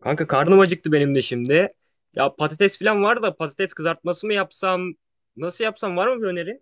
Kanka karnım acıktı benim de şimdi. Ya patates falan var da patates kızartması mı yapsam? Nasıl yapsam, var mı bir öneri?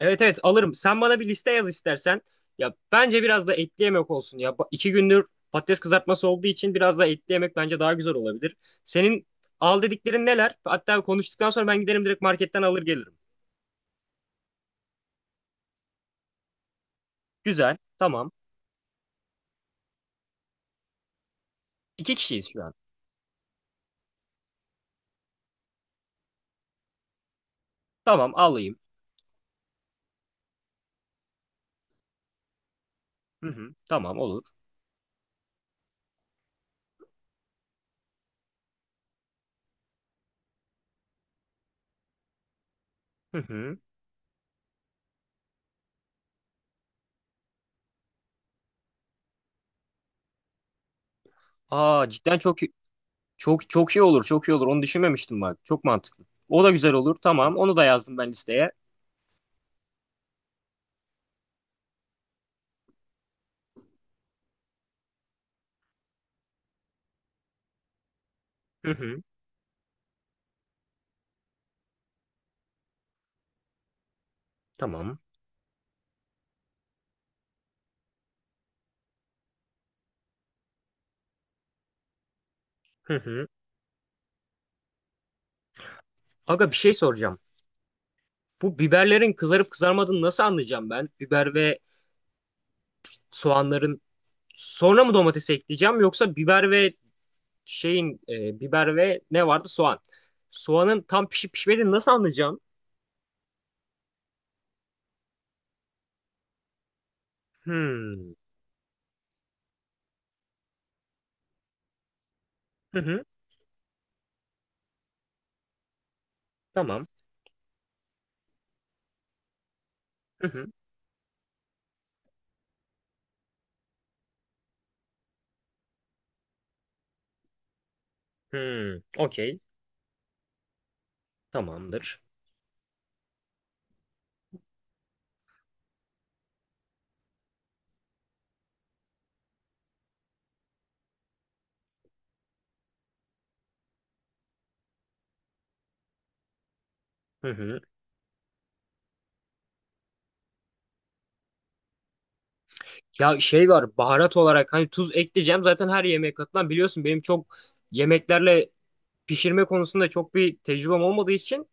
Evet evet, alırım. Sen bana bir liste yaz istersen. Ya bence biraz da etli yemek olsun. İki gündür patates kızartması olduğu için biraz da etli yemek bence daha güzel olabilir. Senin al dediklerin neler? Hatta konuştuktan sonra ben giderim, direkt marketten alır gelirim. Güzel. Tamam. İki kişiyiz şu an. Tamam, alayım. Hı hı. Tamam, olur. Hı hı. Aa, cidden çok. Çok çok iyi olur, çok iyi olur. Onu düşünmemiştim bak. Çok mantıklı. O da güzel olur. Tamam, onu da yazdım ben listeye. Hı hı, tamam. Hı hı. Aga, bir şey soracağım. Bu biberlerin kızarıp kızarmadığını nasıl anlayacağım ben? Biber ve soğanların sonra mı domatesi ekleyeceğim, yoksa biber ve biber ve ne vardı? Soğan. Soğanın tam pişip pişmediğini nasıl anlayacağım? Hmm. Hı hı. Tamam. Hı hı. Hmm. Okey. Tamamdır. Hı hı. Ya şey var, baharat olarak hani tuz ekleyeceğim zaten her yemeğe katılan, biliyorsun benim çok yemeklerle pişirme konusunda çok bir tecrübem olmadığı için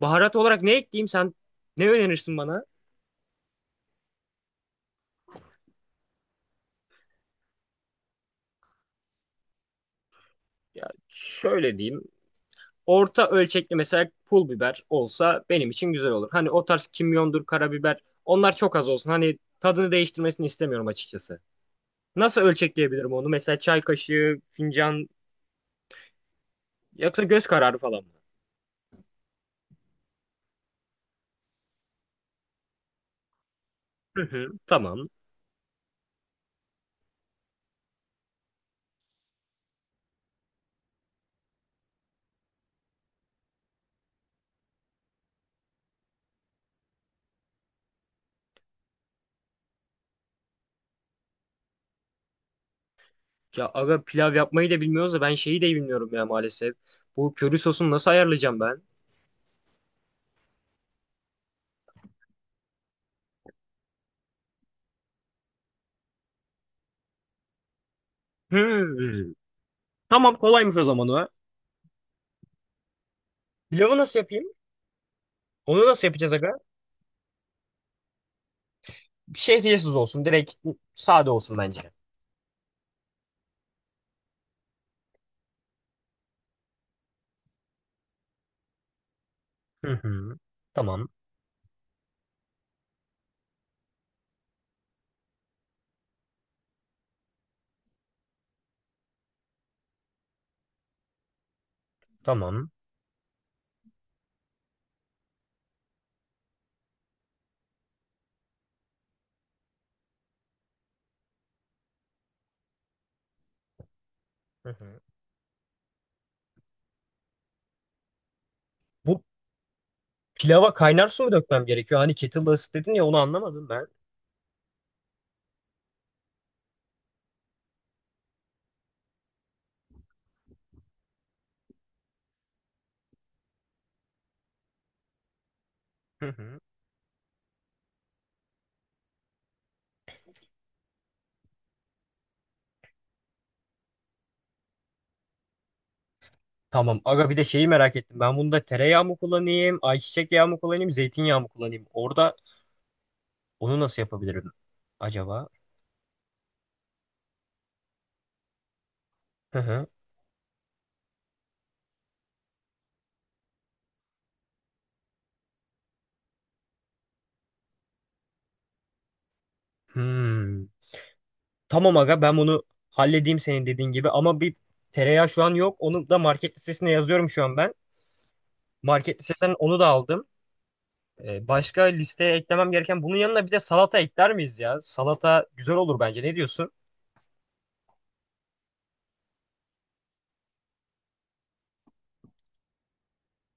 baharat olarak ne ekleyeyim, sen ne önerirsin bana? Ya şöyle diyeyim, orta ölçekli mesela pul biber olsa benim için güzel olur. Hani o tarz kimyondur, karabiber, onlar çok az olsun, hani tadını değiştirmesini istemiyorum açıkçası. Nasıl ölçekleyebilirim onu, mesela çay kaşığı, fincan, yoksa göz kararı falan mı? Hı hı, tamam. Ya aga, pilav yapmayı da bilmiyoruz da ben şeyi de bilmiyorum ya maalesef. Bu köri sosunu nasıl ayarlayacağım ben? Hmm. Tamam, kolaymış o zaman o. Pilavı nasıl yapayım? Onu nasıl yapacağız aga? Bir şey olsun. Direkt sade olsun bence. Hı hı. Tamam. Tamam. Hı hı. Bu pilava kaynar su mu dökmem gerekiyor? Hani kettle'da ısıt dedin ya, onu anlamadım ben. Hı hı. Tamam. Aga, bir de şeyi merak ettim. Ben bunda tereyağı mı kullanayım, ayçiçek yağı mı kullanayım, zeytinyağı mı kullanayım? Orada onu nasıl yapabilirim acaba? Hı hı. Hmm. Tamam aga, ben bunu halledeyim senin dediğin gibi ama bir tereyağı şu an yok. Onu da market listesine yazıyorum şu an ben. Market listesinden onu da aldım. Başka listeye eklemem gereken, bunun yanına bir de salata ekler miyiz ya? Salata güzel olur bence. Ne diyorsun?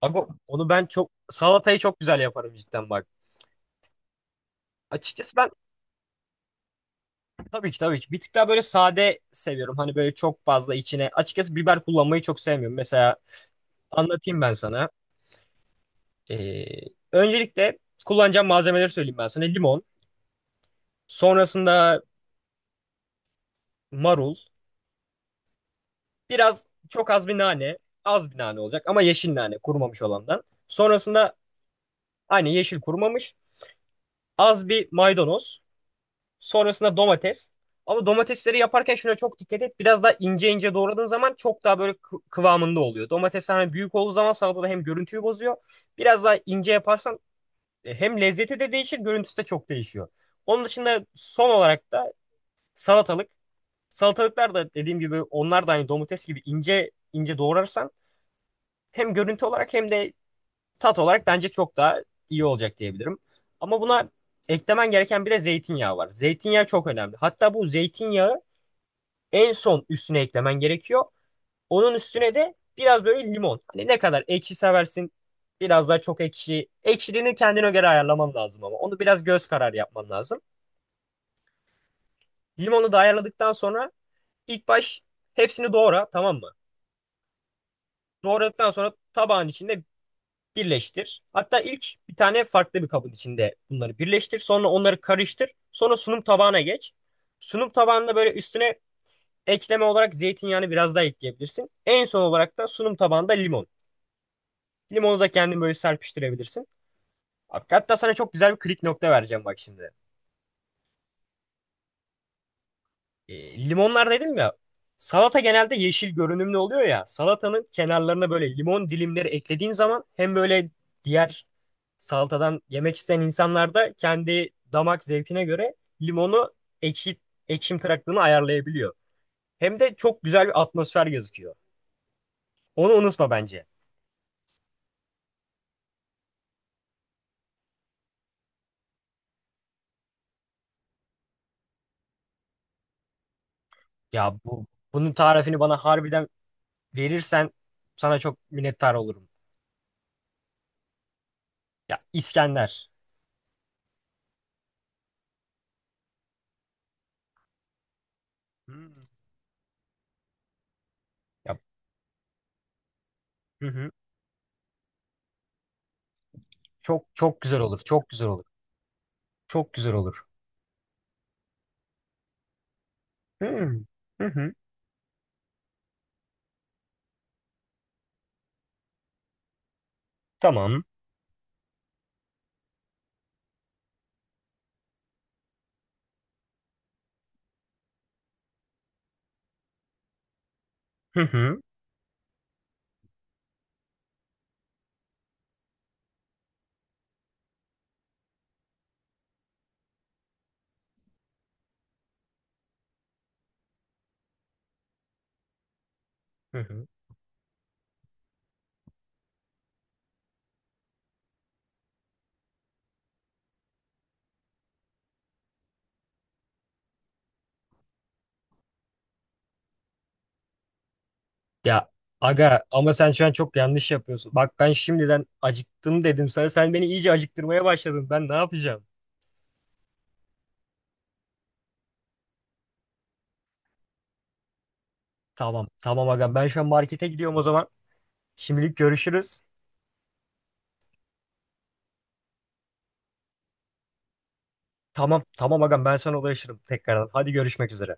Aga onu ben, çok salatayı çok güzel yaparım cidden bak. Açıkçası ben tabii ki bir tık daha böyle sade seviyorum. Hani böyle çok fazla içine, açıkçası biber kullanmayı çok sevmiyorum. Mesela anlatayım ben sana. Ee, Öncelikle kullanacağım malzemeleri söyleyeyim ben sana. Limon. Sonrasında marul. Biraz, çok az bir nane. Az bir nane olacak ama yeşil nane, kurumamış olandan. Sonrasında aynı, yeşil, kurumamış. Az bir maydanoz. Sonrasında domates. Ama domatesleri yaparken şuna çok dikkat et. Biraz daha ince ince doğradığın zaman çok daha böyle kıvamında oluyor. Domates hani büyük olduğu zaman salatada hem görüntüyü bozuyor. Biraz daha ince yaparsan hem lezzeti de değişir, görüntüsü de çok değişiyor. Onun dışında son olarak da salatalık. Salatalıklar da dediğim gibi, onlar da hani domates gibi ince ince doğrarsan hem görüntü olarak hem de tat olarak bence çok daha iyi olacak diyebilirim. Ama buna eklemen gereken bir de zeytinyağı var. Zeytinyağı çok önemli. Hatta bu zeytinyağı en son üstüne eklemen gerekiyor. Onun üstüne de biraz böyle limon. Hani ne kadar ekşi seversin, biraz daha çok ekşi. Ekşiliğini kendine göre ayarlaman lazım ama. Onu biraz göz kararı yapman lazım. Limonu da ayarladıktan sonra ilk baş hepsini doğra, tamam mı? Doğradıktan sonra tabağın içinde birleştir. Hatta ilk bir tane farklı bir kabın içinde bunları birleştir. Sonra onları karıştır. Sonra sunum tabağına geç. Sunum tabağında böyle üstüne ekleme olarak zeytinyağını biraz daha ekleyebilirsin. En son olarak da sunum tabağında limon. Limonu da kendin böyle serpiştirebilirsin. Abi, hatta sana çok güzel bir klik nokta vereceğim bak şimdi. Limonlar dedim ya. Salata genelde yeşil görünümlü oluyor ya. Salatanın kenarlarına böyle limon dilimleri eklediğin zaman hem böyle diğer salatadan yemek isteyen insanlar da kendi damak zevkine göre limonu ekşi, ekşim tıraklığını ayarlayabiliyor. Hem de çok güzel bir atmosfer gözüküyor. Onu unutma bence. Ya bu Bunun tarifini bana harbiden verirsen sana çok minnettar olurum. Ya İskender. Hmm. Ya, hı hı. Çok çok güzel olur. Çok güzel olur. Çok güzel olur. Hmm. Hı hı. Tamam. Hı hı. Hı hı. Ya aga ama sen şu an çok yanlış yapıyorsun. Bak ben şimdiden acıktım dedim sana. Sen beni iyice acıktırmaya başladın. Ben ne yapacağım? Tamam tamam agam, ben şu an markete gidiyorum o zaman. Şimdilik görüşürüz. Tamam tamam agam, ben sana ulaşırım tekrardan. Hadi görüşmek üzere.